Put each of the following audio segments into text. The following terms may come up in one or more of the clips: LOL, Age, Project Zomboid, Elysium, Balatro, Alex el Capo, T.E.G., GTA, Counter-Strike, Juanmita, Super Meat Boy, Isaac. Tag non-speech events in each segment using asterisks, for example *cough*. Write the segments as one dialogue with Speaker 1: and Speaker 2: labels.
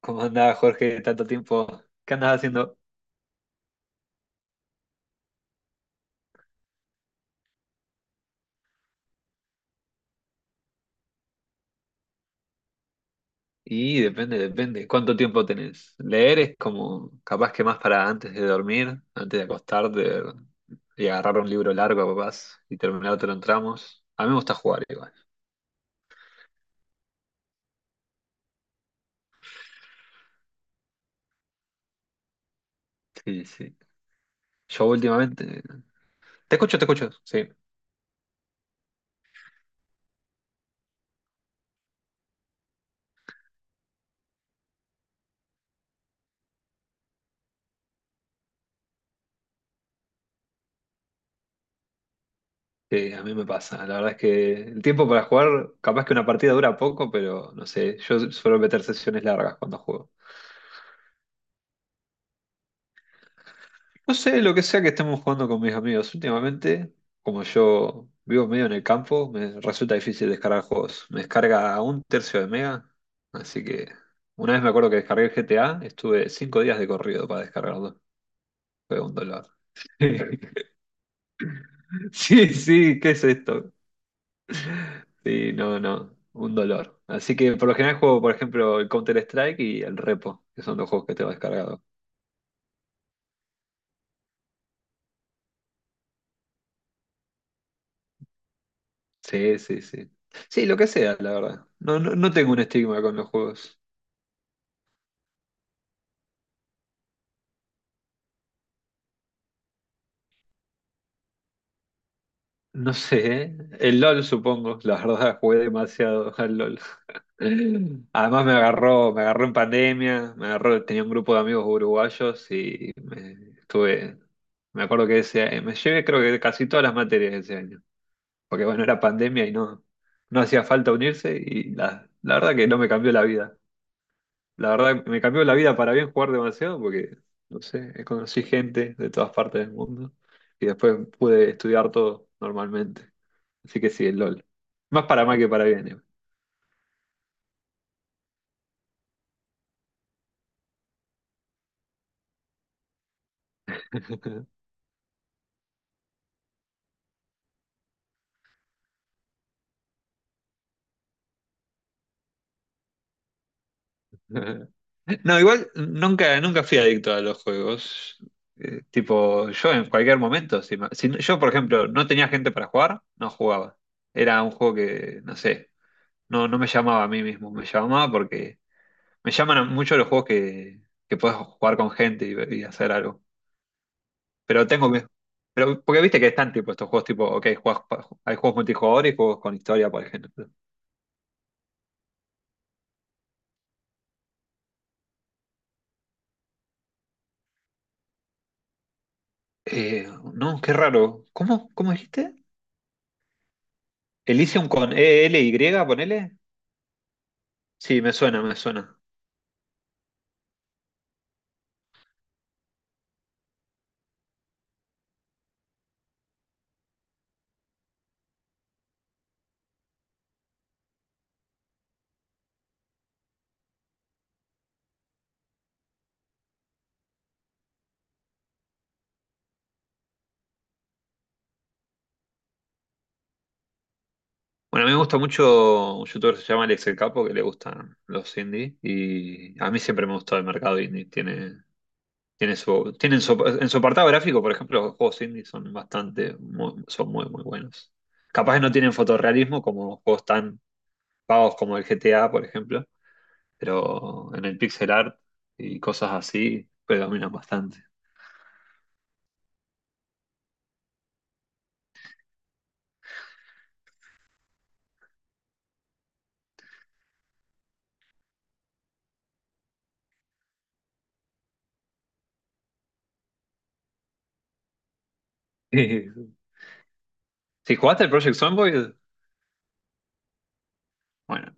Speaker 1: ¿Cómo andaba Jorge? Tanto tiempo. ¿Qué andabas haciendo? Y depende, depende. ¿Cuánto tiempo tenés? Leer es como capaz que más para antes de dormir, antes de acostarte y agarrar un libro largo capaz y terminártelo en tramos. A mí me gusta jugar igual. Sí, sí. Yo últimamente. Te escucho, te escucho. Sí, sí, a mí me pasa. La verdad es que el tiempo para jugar, capaz que una partida dura poco, pero no sé, yo suelo meter sesiones largas cuando juego. No sé, lo que sea que estemos jugando con mis amigos. Últimamente, como yo vivo medio en el campo, me resulta difícil descargar juegos. Me descarga un tercio de mega, así que una vez me acuerdo que descargué el GTA, estuve 5 días de corrido para descargarlo. Fue un dolor. *laughs* Sí, sí, ¿qué es esto? Sí, no, no, un dolor. Así que por lo general juego, por ejemplo, el Counter-Strike y el Repo, que son los juegos que tengo descargados. Sí, sí, sí. Sí, lo que sea, la verdad. No, no, no tengo un estigma con los juegos. No sé, el LOL supongo, la verdad jugué demasiado al LOL. *laughs* Además me agarró en pandemia, me agarró, tenía un grupo de amigos uruguayos y me acuerdo que ese, me llevé creo que casi todas las materias ese año, porque bueno, era pandemia y no hacía falta unirse y la verdad que no me cambió la vida. La verdad, me cambió la vida para bien jugar demasiado porque, no sé, conocí gente de todas partes del mundo y después pude estudiar todo normalmente. Así que sí, el LOL. Más para mal que para bien. eh. *laughs* No, igual nunca, nunca fui adicto a los juegos. Tipo, yo en cualquier momento, si, yo, por ejemplo, no tenía gente para jugar, no jugaba. Era un juego que, no sé, no me llamaba a mí mismo, me llamaba porque me llaman mucho los juegos que puedes jugar con gente y hacer algo. Pero tengo que. Pero, porque viste que están tipo estos juegos tipo, ok, hay juegos multijugador y juegos con historia, por ejemplo. Eh, no, qué raro. ¿Cómo dijiste? Elysium con e l ELY, ponele. Sí, me suena, me suena. Bueno, a mí me gusta mucho un youtuber que se llama Alex el Capo, que le gustan los indie. Y a mí siempre me gustó el mercado indie. Tiene, Tiene su, tienen su- En su apartado gráfico, por ejemplo, los juegos indie son bastante, son muy, muy buenos. Capaz que no tienen fotorrealismo como juegos tan pagos como el GTA, por ejemplo, pero en el pixel art y cosas así predominan bastante. *laughs* Sí. Si jugaste el Project Zomboid, bueno,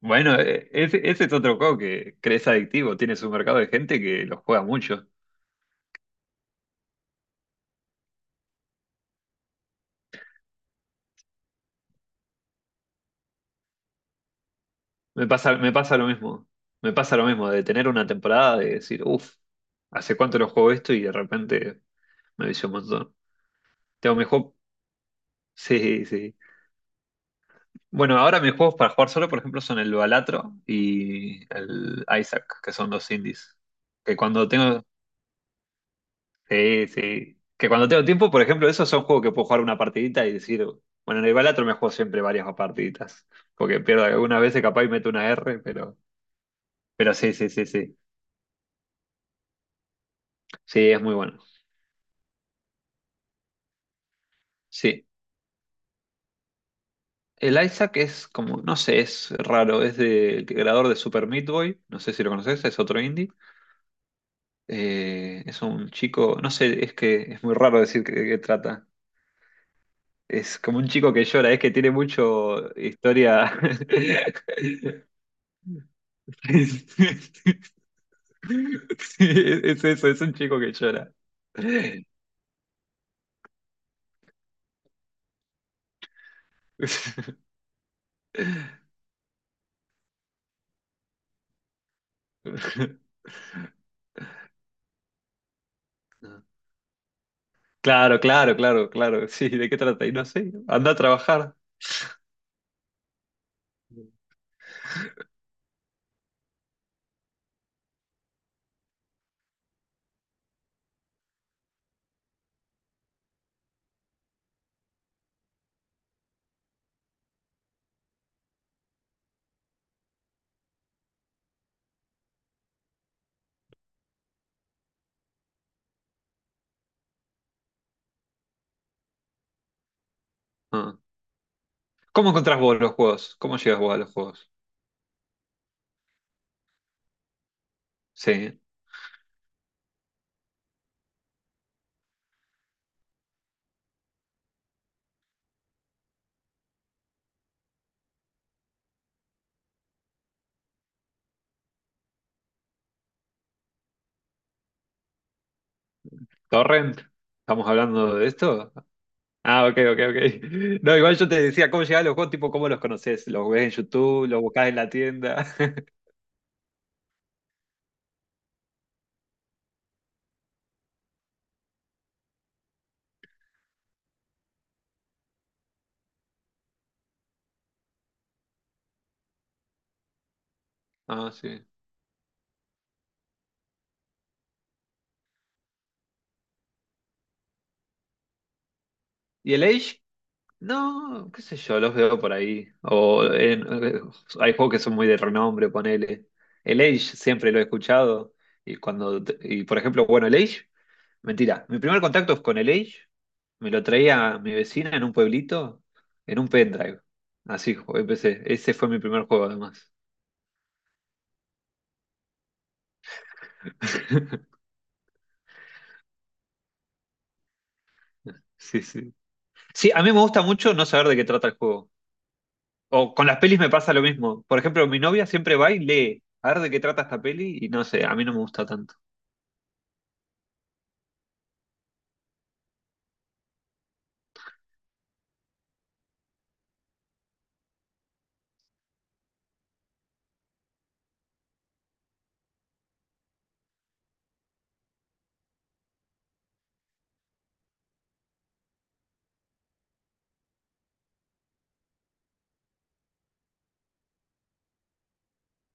Speaker 1: bueno, ese, ese es otro juego que crees adictivo, tiene su mercado de gente que lo juega mucho. Me pasa lo mismo, me pasa lo mismo de tener una temporada de decir, uff, ¿hace cuánto lo juego esto? Y de repente me vicio un montón. Tengo mis juegos. Sí, sí. Bueno, ahora mis juegos para jugar solo, por ejemplo, son el Balatro y el Isaac, que son dos indies. Que cuando tengo. Sí, sí. Que cuando tengo tiempo, por ejemplo, esos son juegos que puedo jugar una partidita y decir. Bueno, en el Balatro me juego siempre varias partiditas. Porque pierdo algunas veces, capaz y meto una R, pero. Pero sí, sí, sí, sí. Sí, es muy bueno. Sí. El Isaac es como, no sé, es raro, es del creador de Super Meat Boy, no sé si lo conoces, es otro indie. Es un chico, no sé, es que es muy raro decir de qué trata. Es como un chico que llora, es que tiene mucho historia. *laughs* Es eso, es un chico que llora. Claro, claro, claro, claro. Sí, ¿de qué trata? Y no sé, anda a trabajar. Ah. ¿Cómo encontrás vos los juegos? ¿Cómo llegas vos a los juegos? Sí. ¿Torrent? ¿Estamos hablando de esto? Ah, ok, ok, ok. *laughs* No, igual yo te decía cómo llegar a los juegos, tipo, ¿cómo los conoces? ¿Los ves en YouTube? ¿Los buscás en la tienda? *laughs* Ah, sí. ¿Y el Age? No, qué sé yo, los veo por ahí. Hay juegos que son muy de renombre, ponele. El Age siempre lo he escuchado. Y cuando, y por ejemplo, bueno, el Age, mentira. Mi primer contacto con el Age me lo traía mi vecina en un pueblito, en un pendrive. Así empecé. Ese fue mi primer juego, además. *laughs* Sí, sí. Sí, a mí me gusta mucho no saber de qué trata el juego. O con las pelis me pasa lo mismo. Por ejemplo, mi novia siempre va y lee a ver de qué trata esta peli y no sé, a mí no me gusta tanto.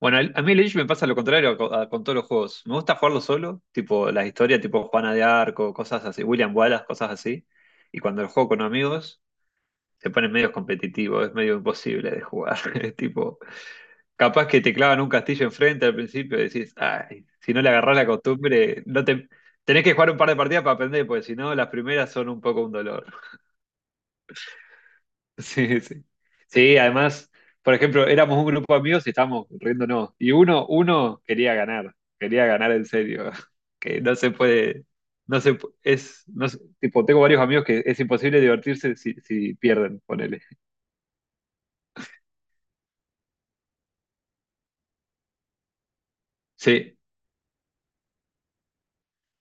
Speaker 1: Bueno, a mí el Age me pasa lo contrario con todos los juegos. Me gusta jugarlo solo, tipo las historias tipo Juana de Arco, cosas así, William Wallace, cosas así. Y cuando lo juego con amigos, se pone medio competitivo, es medio imposible de jugar. *laughs* Es tipo, capaz que te clavan un castillo enfrente al principio y decís, ay, si no le agarrás la costumbre, no te... Tenés que jugar un par de partidas para aprender, porque si no, las primeras son un poco un dolor. *laughs* Sí, sí. Sí, además, por ejemplo, éramos un grupo de amigos y estábamos riéndonos. Y uno quería ganar en serio. *laughs* Que no se puede, no se pu- es, no se- tipo, tengo varios amigos que es imposible divertirse si, pierden, ponele. Sí,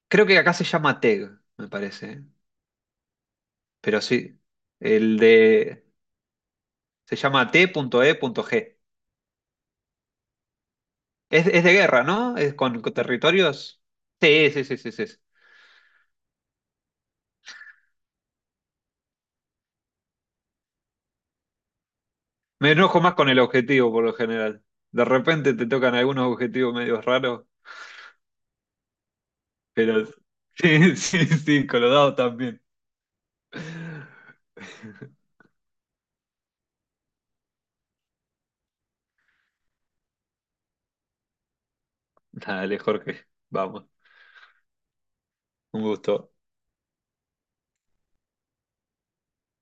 Speaker 1: creo que acá se llama TEG, me parece. Pero sí, el de... Se llama TEG. Es de guerra, ¿no? Es con territorios. Sí, sí, sí, sí, sí. Me enojo más con el objetivo por lo general. De repente te tocan algunos objetivos medio raros, pero sí, *laughs* sí, sí, con los dados también. *laughs* Dale, Jorge, vamos. Un gusto.